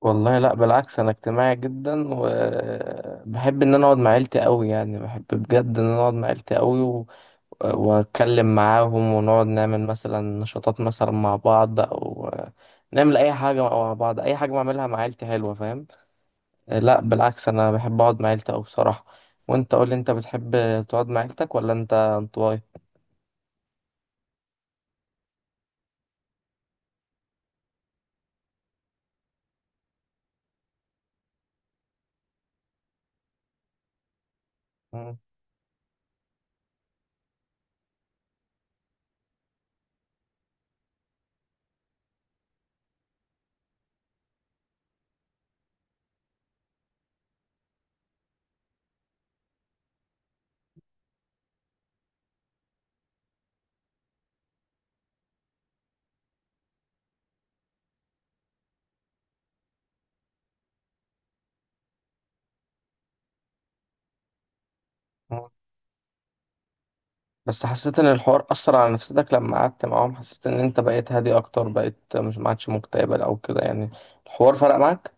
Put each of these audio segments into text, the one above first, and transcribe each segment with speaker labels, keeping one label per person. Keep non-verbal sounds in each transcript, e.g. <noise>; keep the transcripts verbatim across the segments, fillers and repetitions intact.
Speaker 1: والله، لا بالعكس، انا اجتماعي جدا وبحب ان انا اقعد مع عيلتي قوي. يعني بحب بجد ان انا اقعد مع عيلتي قوي و... واتكلم معاهم، ونقعد نعمل مثلا نشاطات مثلا مع بعض او نعمل اي حاجه مع بعض. اي حاجه بعملها مع عيلتي حلوه، فاهم. لا بالعكس، انا بحب اقعد مع عيلتي قوي بصراحه. وانت قول لي، انت بتحب تقعد مع عيلتك ولا انت انطوائي؟ مم. بس حسيت ان الحوار اثر على نفسيتك لما قعدت معاهم. حسيت ان انت بقيت هادي اكتر، بقيت مش، ما عادش مكتئب او كده يعني، الحوار فرق معاك.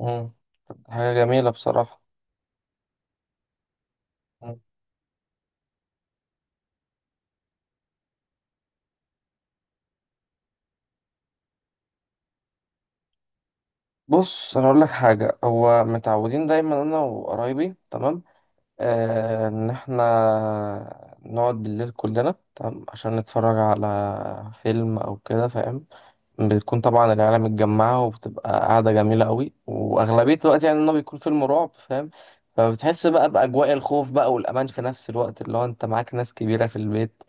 Speaker 1: امم حاجه جميله بصراحه. مم. بص انا اقول لك حاجه، هو متعودين دايما انا وقرايبي، تمام. آه ان احنا نقعد بالليل كلنا تمام عشان نتفرج على فيلم او كده، فاهم. بتكون طبعا العيله متجمعه، وبتبقى قاعده جميله قوي. واغلبيه الوقت يعني انه بيكون فيلم رعب، فاهم. فبتحس بقى باجواء الخوف بقى والامان في نفس الوقت، اللي هو انت معاك ناس كبيره في البيت،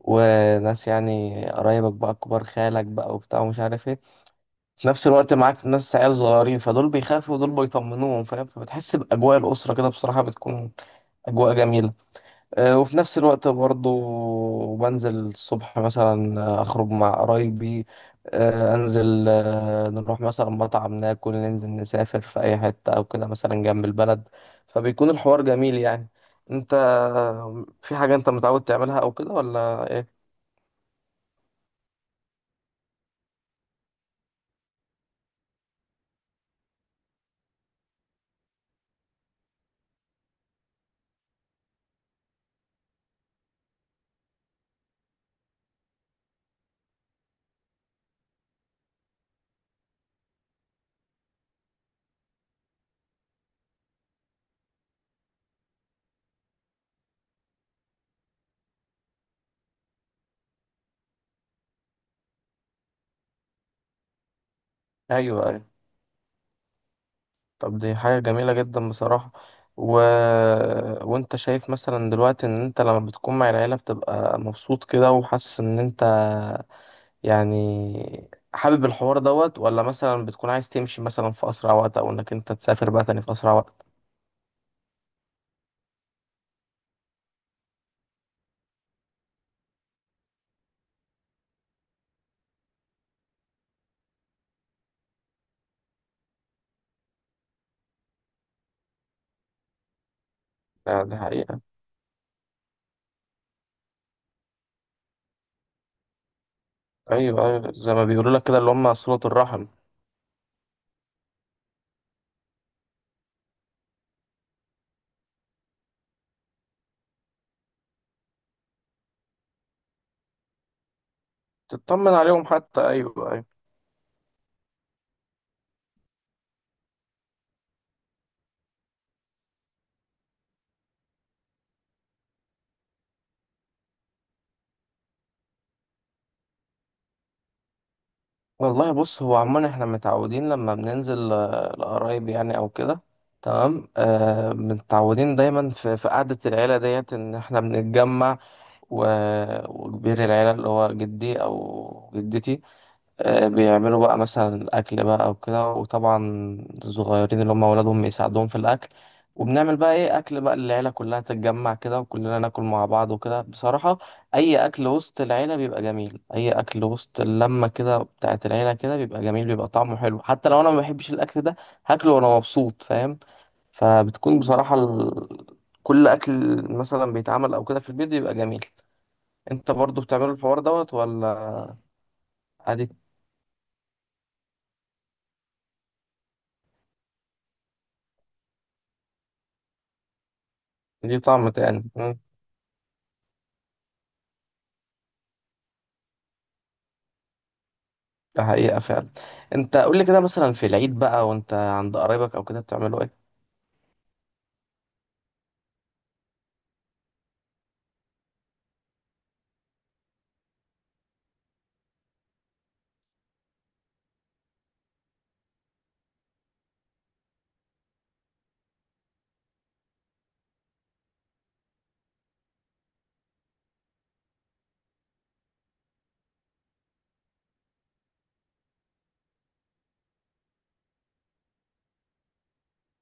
Speaker 1: وناس يعني قرايبك بقى كبار، خالك بقى وبتاع ومش عارف ايه. في نفس الوقت معاك ناس عيال صغيرين، فدول بيخافوا ودول بيطمنوهم، فاهم. فبتحس باجواء الاسره كده بصراحه، بتكون اجواء جميله. آه، وفي نفس الوقت برضه، بنزل الصبح مثلا، آه، أخرج مع قرايبي، آه، أنزل، آه، نروح مثلا مطعم ناكل. ننزل نسافر في أي حتة أو كده، مثلا جنب البلد. فبيكون الحوار جميل يعني. أنت آه، في حاجة أنت متعود تعملها أو كده ولا إيه؟ أيوه، أيوه. طب دي حاجة جميلة جدا بصراحة. و... وأنت شايف مثلا دلوقتي إن أنت لما بتكون مع العيلة بتبقى مبسوط كده، وحاسس إن أنت يعني حابب الحوار دوت، ولا مثلا بتكون عايز تمشي مثلا في أسرع وقت، أو إنك أنت تسافر بقى تاني في أسرع وقت؟ لا دي حقيقة. أيوه، أيوه، زي ما بيقولوا لك كده، اللي هم صلة الرحم. تطمن عليهم حتى، أيوه، أيوه. والله بص، هو عموما إحنا متعودين لما بننزل آه، لقرايب يعني أو كده، تمام. آه متعودين دايما في, في قعدة العيلة ديت إن إحنا بنتجمع، و- وكبير العيلة اللي هو جدي أو جدتي آه، بيعملوا بقى مثلا أكل بقى وكده. وطبعا الصغيرين اللي هم أولادهم يساعدوهم في الأكل. وبنعمل بقى إيه أكل بقى، العيلة كلها تتجمع كده وكلنا ناكل مع بعض وكده بصراحة. أي أكل وسط العيلة بيبقى جميل، أي أكل وسط اللمة كده بتاعت العيلة كده بيبقى جميل، بيبقى طعمه حلو. حتى لو أنا ما بحبش الأكل ده، هاكله وأنا مبسوط، فاهم. فبتكون بصراحة ال... كل أكل مثلا بيتعمل أو كده في البيت بيبقى جميل. أنت برضو بتعمل الحوار دوت ولا عادي؟ دي طعم تاني. ده حقيقة فعلا. انت قول لي كده، مثلا في العيد بقى وانت عند قرايبك او كده بتعملوا ايه؟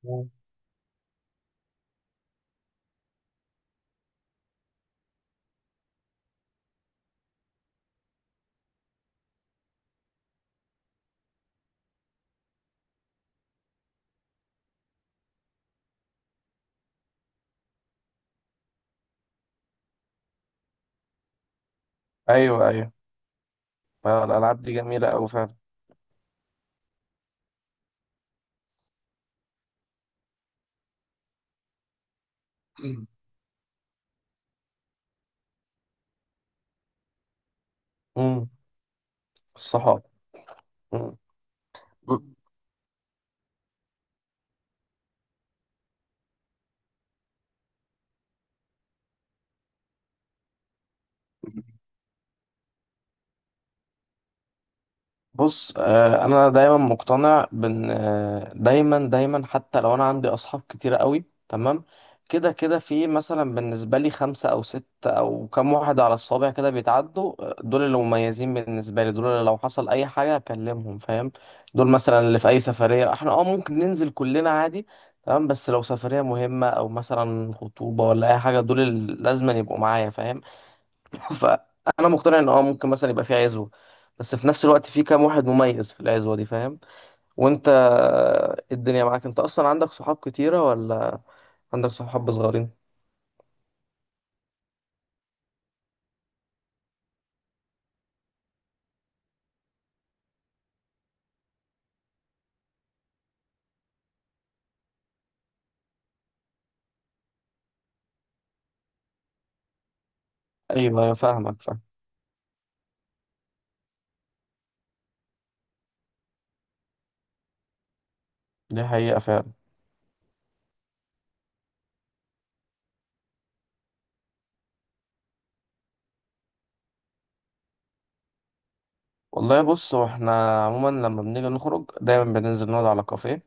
Speaker 1: مم. ايوه، ايوه. آه، الالعاب دي جميلة اوي فعلا. <clears throat> امم الصحاب. مم. بص، آه، انا دايما مقتنع بان، آه، دايما دايما حتى لو انا عندي اصحاب كتيرة قوي تمام، كده كده في مثلا بالنسبة لي خمسة او ستة او كام واحد على الصابع كده بيتعدوا، آه، دول اللي مميزين بالنسبة لي، دول اللي لو حصل اي حاجة اكلمهم، فاهم. دول مثلا اللي في اي سفرية احنا اه ممكن ننزل كلنا عادي تمام. بس لو سفرية مهمة او مثلا خطوبة ولا اي حاجة، دول اللي لازم يبقوا معايا، فاهم. فانا مقتنع ان اه ممكن مثلا يبقى في عزوه، بس في نفس الوقت في كام واحد مميز في العزوه دي، فاهم. وانت الدنيا معاك، انت اصلا عندك صحاب كتيره ولا عندك صحاب صغيرين؟ ايوه، ايوه فاهمك، فاهم. دي حقيقه فعلا. والله بص، هو احنا عموما لما بنيجي نخرج دايما بننزل نقعد على كافيه،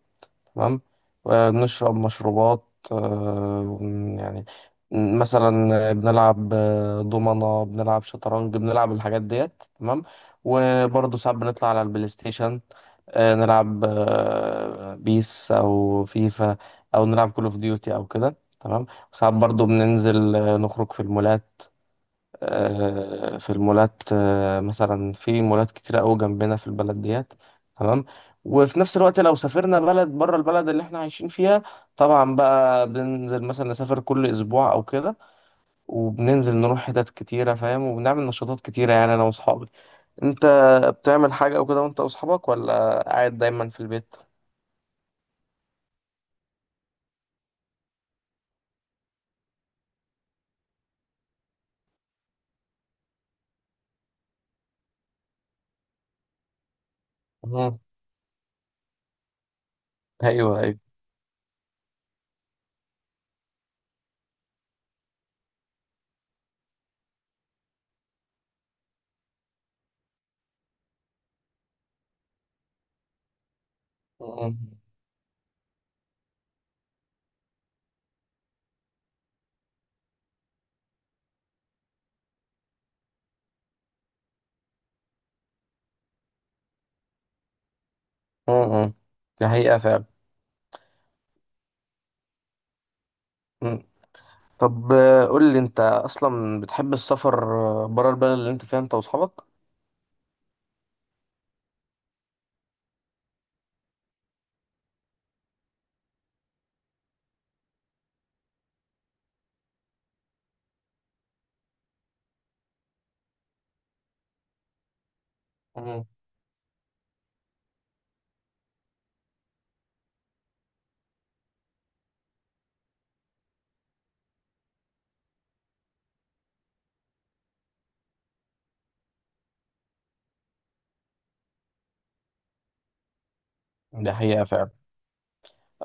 Speaker 1: تمام. ونشرب مشروبات، آه، ون- يعني مثلا بنلعب آه، دومنة، بنلعب شطرنج، بنلعب الحاجات ديت، تمام. وبرضه ساعات بنطلع على البلاي ستيشن، آه، نلعب آه، بيس او فيفا، او نلعب كول اوف ديوتي او كده، تمام. وساعات برضو بننزل آه، نخرج في المولات، آه، في المولات آه، مثلا في مولات كتيرة قوي جنبنا في البلد ديت، تمام. وفي نفس الوقت لو سافرنا بلد بره البلد اللي احنا عايشين فيها، طبعا بقى بننزل مثلا نسافر كل اسبوع او كده. وبننزل نروح حتت كتيرة، فاهم. وبنعمل نشاطات كتيرة يعني انا واصحابي. انت بتعمل حاجة او كده وانت واصحابك، ولا قاعد دايما في البيت؟ مم. ايوه، ايوه. مم. مم. دي حقيقة فعلا. مم. طب آه، قول لي انت اصلا بتحب السفر بره البلد اللي انت فيها انت واصحابك؟ مم. دي حقيقة فعلا.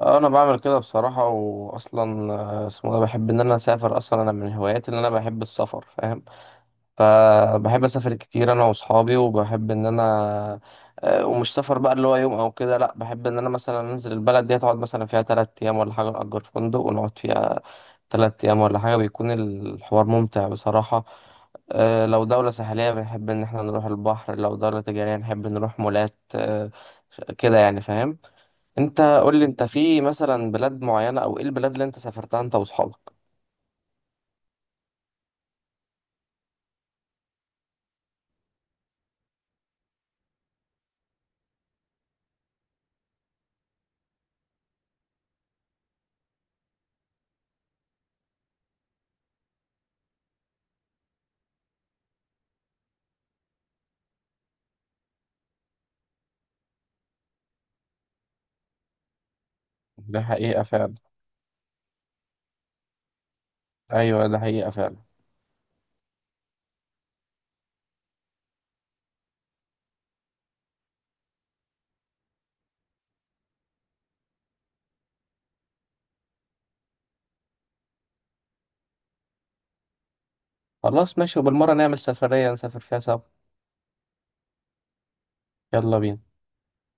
Speaker 1: انا بعمل كده بصراحة. واصلا آه، اسمه إيه ده، بحب ان انا اسافر. اصلا انا من هواياتي ان انا بحب السفر، فاهم. فبحب اسافر كتير انا واصحابي. وبحب ان انا آه، ومش سفر بقى اللي هو يوم او كده، لا، بحب ان انا مثلا انزل البلد دي هتقعد مثلا فيها تلات ايام ولا حاجة، نأجر فندق ونقعد فيها تلات أيام ولا حاجة، بيكون الحوار ممتع بصراحة. أه لو دولة ساحلية بنحب إن احنا نروح البحر، لو دولة تجارية نحب نروح مولات. أه ش- كده يعني، فاهم. انت قولي، انت في مثلا بلاد معينة او ايه البلاد اللي انت سافرتها انت واصحابك؟ ده حقيقة فعلا. ايوه، ده حقيقة فعلا. خلاص ماشي، وبالمرة نعمل سفرية نسافر فيها سوا. يلا بينا.